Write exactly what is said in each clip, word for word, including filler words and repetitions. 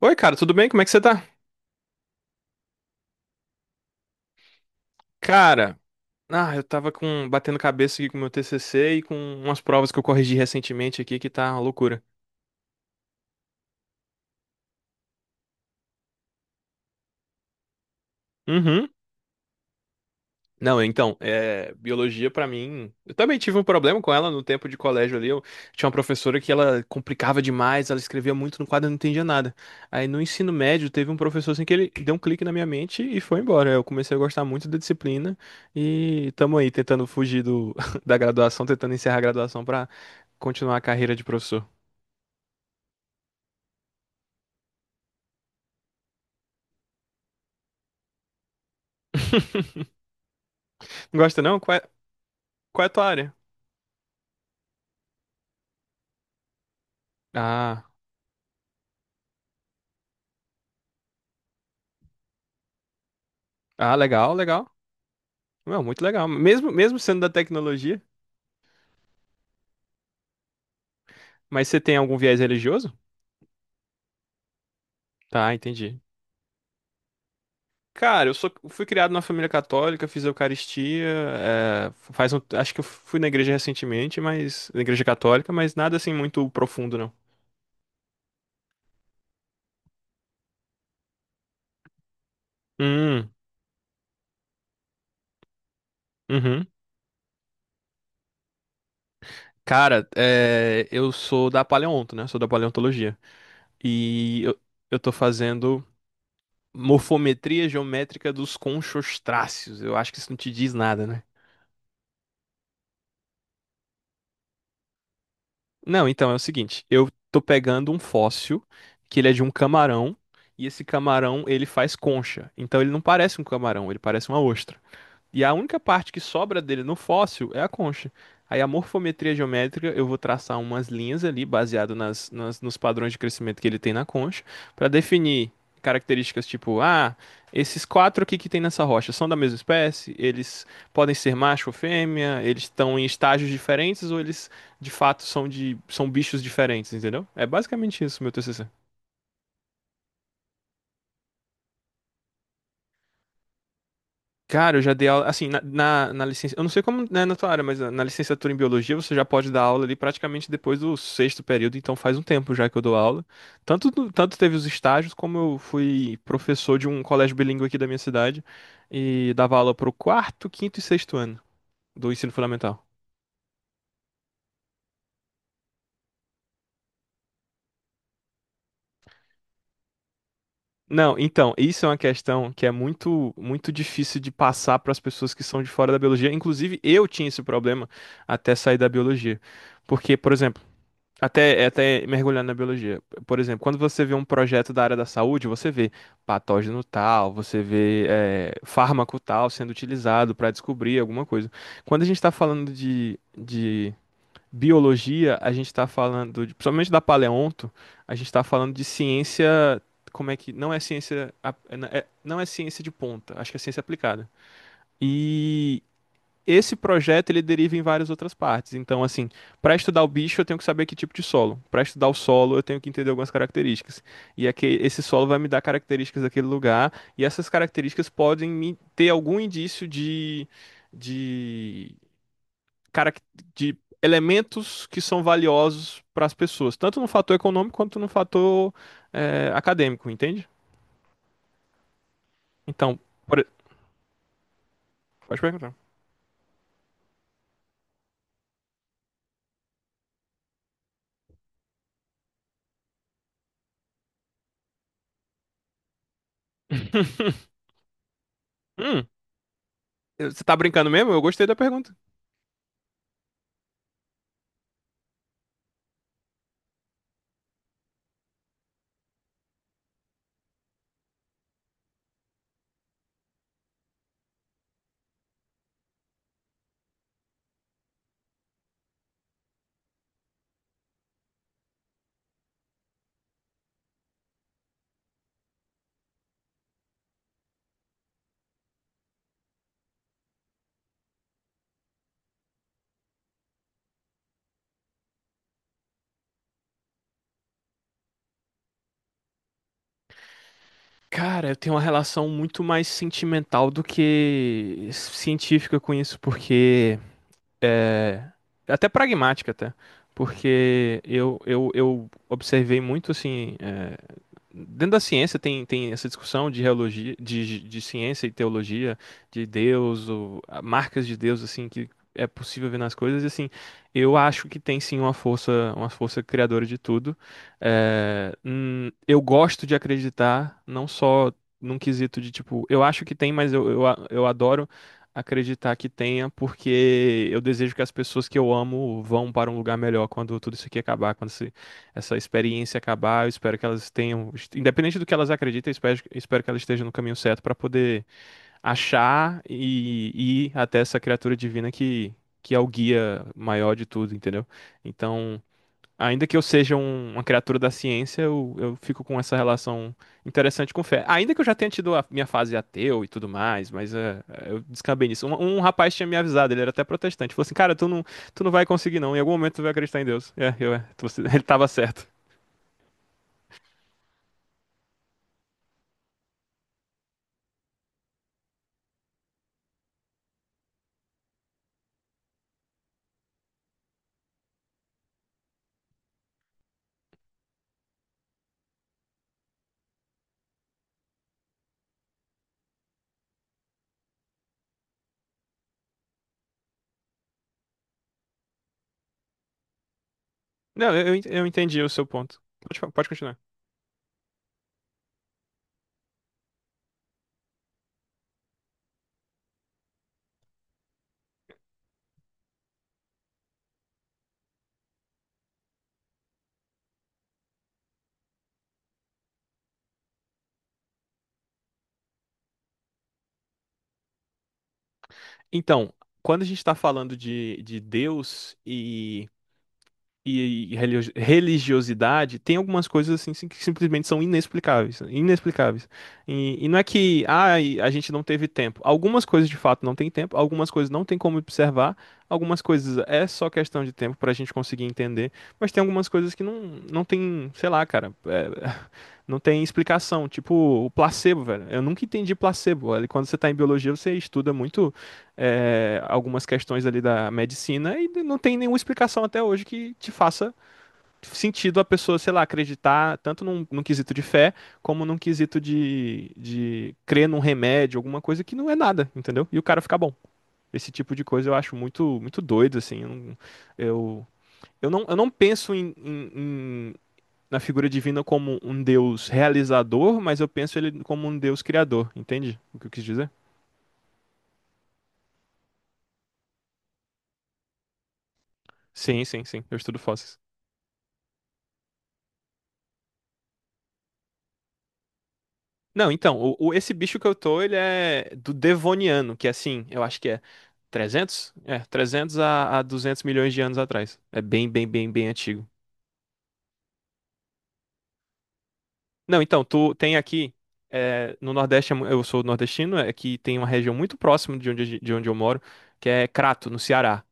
Oi, cara, tudo bem? Como é que você tá? Cara, ah, eu tava com batendo cabeça aqui com o meu T C C e com umas provas que eu corrigi recentemente aqui que tá uma loucura. Uhum. Não, então, é, biologia pra mim. Eu também tive um problema com ela no tempo de colégio ali. Eu tinha uma professora que ela complicava demais, ela escrevia muito no quadro, eu não entendia nada. Aí no ensino médio teve um professor assim que ele deu um clique na minha mente e foi embora. Eu comecei a gostar muito da disciplina e tamo aí tentando fugir do, da graduação, tentando encerrar a graduação pra continuar a carreira de professor. Não gosta não? Qual é, qual é a tua área? Ah, ah, legal, legal. Não, muito legal. Mesmo, mesmo sendo da tecnologia. Mas você tem algum viés religioso? Tá, entendi. Cara, eu sou, fui criado na família católica, fiz Eucaristia, é, faz um, acho que eu fui na igreja recentemente, mas na igreja católica, mas nada assim muito profundo, não. Hum, uhum. Cara, é, eu sou da paleonto, né? Sou da paleontologia. E eu, eu tô fazendo morfometria geométrica dos conchostráceos. Eu acho que isso não te diz nada, né? Não, então é o seguinte, eu tô pegando um fóssil que ele é de um camarão e esse camarão ele faz concha. Então ele não parece um camarão, ele parece uma ostra. E a única parte que sobra dele no fóssil é a concha. Aí a morfometria geométrica, eu vou traçar umas linhas ali, baseado nas, nas- nos padrões de crescimento que ele tem na concha, para definir características tipo, ah, esses quatro aqui que tem nessa rocha são da mesma espécie, eles podem ser macho ou fêmea, eles estão em estágios diferentes ou eles de fato são de são bichos diferentes, entendeu? É basicamente isso, meu T C C. Cara, eu já dei aula, assim, na, na, na licença, eu não sei como né, na tua área, mas na, na licenciatura em biologia você já pode dar aula ali praticamente depois do sexto período, então faz um tempo já que eu dou aula. Tanto, do- tanto teve os estágios, como eu fui professor de um colégio bilíngue aqui da minha cidade e dava aula pro quarto, quinto e sexto ano do ensino fundamental. Não, então, isso é uma questão que é muito, muito difícil de passar para as pessoas que são de fora da biologia. Inclusive, eu tinha esse problema até sair da biologia. Porque, por exemplo, Até, é até mergulhando na biologia. Por exemplo, quando você vê um projeto da área da saúde, você vê patógeno tal, você vê eh, fármaco tal sendo utilizado para descobrir alguma coisa. Quando a gente está falando de, de biologia, a gente está falando, de, principalmente da paleonto, a gente está falando de ciência, como é que, não é ciência, ap- é- não é ciência de ponta, acho que é ciência aplicada. E esse projeto ele deriva em várias outras partes. Então, assim, para estudar o bicho, eu tenho que saber que tipo de solo. Para estudar o solo, eu tenho que entender algumas características. E aqui, esse solo vai me dar características daquele lugar, e essas características podem me ter algum indício de, de, carac- de elementos que são valiosos para as pessoas, tanto no fator econômico quanto no fator eh, acadêmico, entende? Então, por... e- pode perguntar. Hum, você tá brincando mesmo? Eu gostei da pergunta. Cara, eu tenho uma relação muito mais sentimental do que científica com isso, porque é até pragmática até, porque eu, eu, eu observei muito assim. eh, Dentro da ciência tem, tem essa discussão de reologia, de, de ciência e teologia, de Deus, ou ah, marcas de Deus, assim, que é possível ver nas coisas, e assim, eu acho que tem sim uma força, uma força criadora de tudo. É, hum, eu gosto de acreditar, não só num quesito de tipo, eu acho que tem, mas eu, eu, a- eu adoro acreditar que tenha, porque eu desejo que as pessoas que eu amo vão para um lugar melhor quando tudo isso aqui acabar, quando essa experiência acabar. Eu espero que elas tenham, independente do que elas acreditem, eu espero, espero que elas estejam no caminho certo para poder achar e e ir até essa criatura divina que, que é o guia maior de tudo, entendeu? Então, ainda que eu seja um- uma criatura da ciência, eu, eu fico com essa relação interessante com fé. Ainda que eu já tenha tido a minha fase ateu e tudo mais, mas é, é, eu descambei nisso. Um, um rapaz tinha me avisado, ele era até protestante. Falou assim, cara, tu não, tu não vai conseguir não, em algum momento tu vai acreditar em Deus. É, eu, é, tu- ele tava certo. Não, eu, eu ent- eu entendi o seu ponto. Pode, fa- pode continuar. Então, quando a gente está falando de, de Deus e e, e religi- religiosidade, tem algumas coisas assim sim- que simplesmente são inexplicáveis, inexplicáveis. E, e não é que ah, e a gente não teve tempo. Algumas coisas de fato não tem tempo, algumas coisas não tem como observar, algumas coisas é só questão de tempo para a gente conseguir entender, mas tem algumas coisas que não, não tem, sei lá, cara, é, não tem explicação. Tipo o placebo, velho. Eu nunca entendi placebo. Olha, quando você tá em biologia, você estuda muito é, algumas questões ali da medicina e não tem nenhuma explicação até hoje que te faça sentido a pessoa, sei lá, acreditar tanto num, num quesito de fé como num quesito de, de crer num remédio, alguma coisa que não é nada, entendeu? E o cara fica bom. Esse tipo de coisa eu acho muito, muito doido, assim. Eu, não- eu, eu não, eu não penso em, em- em- na figura divina como um Deus realizador, mas eu penso ele como um Deus criador, entende o que eu quis dizer? Sim, sim, sim. Eu estudo fósseis. Não, então, o, o- esse bicho que eu tô, ele é do Devoniano, que é assim, eu acho que é trezentos, É, trezentos a, a duzentos milhões de anos atrás. É bem, bem, bem, bem antigo. Não, então, tu tem aqui, eh, no Nordeste, é mu- eu sou nordestino, é que tem uma região muito próxima de onde, a gen- de onde eu moro, que é Crato, no Ceará.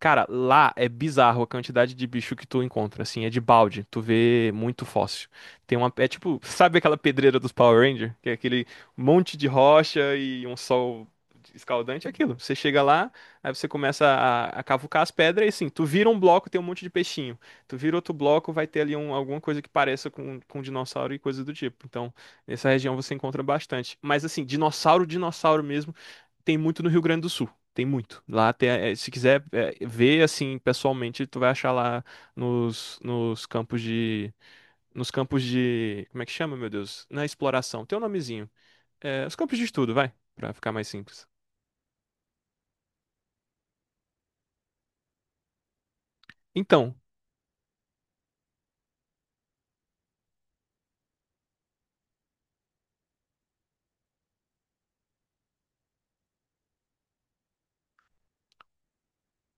Cara, lá é bizarro a quantidade de bicho que tu encontra, assim, é de balde, tu vê muito fóssil. Tem uma, é tipo, sabe aquela pedreira dos Power Ranger? Que é aquele monte de rocha e um sol escaldante, é aquilo. Você chega lá, aí você começa a, a cavucar as pedras e assim, tu vira um bloco, tem um monte de peixinho. Tu vira outro bloco, vai ter ali um, alguma coisa que pareça com, com dinossauro e coisa do tipo. Então, nessa região você encontra bastante. Mas assim, dinossauro, dinossauro mesmo, tem muito no Rio Grande do Sul. Tem muito. Lá tem, eh, se quiser eh, ver assim pessoalmente, tu vai achar lá nos, nos campos de. Nos campos de. Como é que chama, meu Deus? Na exploração. Tem um nomezinho. É, os campos de estudo, vai, pra ficar mais simples. Então,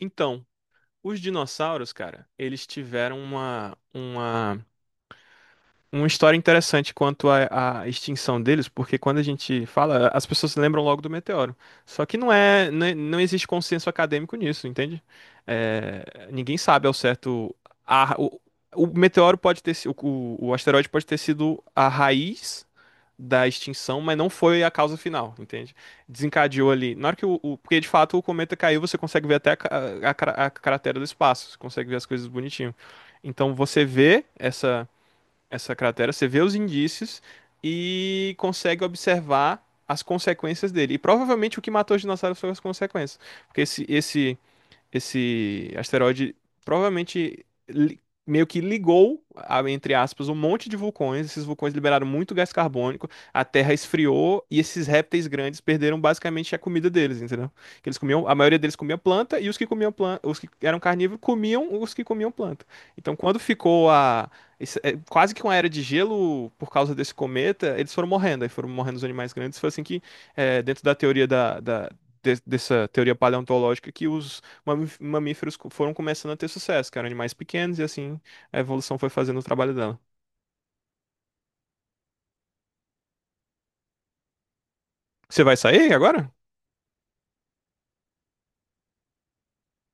então, os dinossauros, cara, eles tiveram uma, uma uma história interessante quanto à, à extinção deles, porque quando a gente fala, as pessoas se lembram logo do meteoro. Só que não é, não, é, não existe consenso acadêmico nisso, entende? É, ninguém sabe ao certo. A, o, o meteoro pode ter sido, o, o asteroide pode ter sido a raiz da extinção, mas não foi a causa final, entende? Desencadeou ali. Na hora que o, o- porque de fato o cometa caiu, você consegue ver até a, ca- a, cra- a cratera do espaço, você consegue ver as coisas bonitinho. Então você vê essa essa cratera, você vê os indícios e consegue observar as consequências dele. E provavelmente o que matou os dinossauros foram as consequências. Porque esse, esse esse asteroide provavelmente li- meio que ligou, a- entre aspas, um monte de vulcões. Esses vulcões liberaram muito gás carbônico, a Terra esfriou e esses répteis grandes perderam basicamente a comida deles, entendeu? Que eles comiam, a maioria deles comia planta e os que comiam planta, os que eram carnívoros comiam os que comiam planta. Então, quando ficou a esse- é, quase que uma era de gelo por causa desse cometa, eles foram morrendo, aí foram morrendo os animais grandes. Foi assim que, é, dentro da teoria da, da- de- dessa teoria paleontológica, que os mamí- mamíferos co- foram começando a ter sucesso, que eram animais pequenos e assim a evolução foi fazendo o trabalho dela. Você vai sair agora?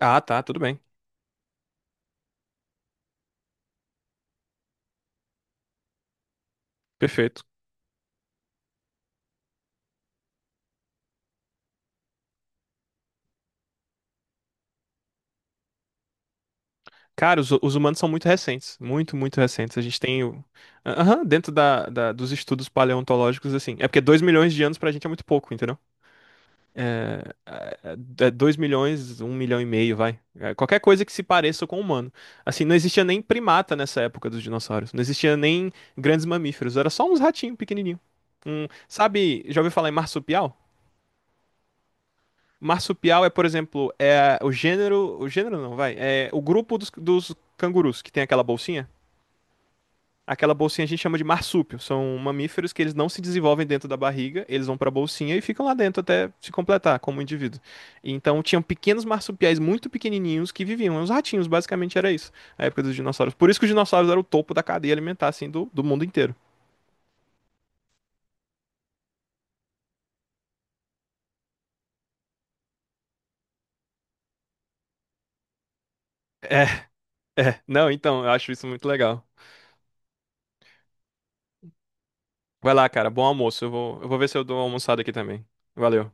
Ah, tá, tudo bem. Perfeito. Cara, os, os humanos são muito recentes, muito, muito recentes. A gente tem o... Aham, dentro da, da- dos estudos paleontológicos, assim. É porque dois milhões de anos pra gente é muito pouco, entendeu? É, é, 2 milhões, um milhão e meio, vai. É, qualquer coisa que se pareça com o humano. Assim, não existia nem primata nessa época dos dinossauros. Não existia nem grandes mamíferos. Era só uns ratinhos pequenininhos. Um, sabe, já ouviu falar em marsupial? Marsupial é, por exemplo, é o gênero. O gênero não, vai. É o grupo dos, dos cangurus, que tem aquela bolsinha. Aquela bolsinha a gente chama de marsúpio. São mamíferos que eles não se desenvolvem dentro da barriga, eles vão pra bolsinha e ficam lá dentro até se completar como indivíduo. Então tinham pequenos marsupiais muito pequenininhos que viviam. Os ratinhos, basicamente era isso, a época dos dinossauros. Por isso que os dinossauros eram o topo da cadeia alimentar, assim, do, do mundo inteiro. É, é. Não, então, eu acho isso muito legal. Vai lá, cara. Bom almoço. Eu vou, eu vou ver se eu dou uma almoçada aqui também. Valeu.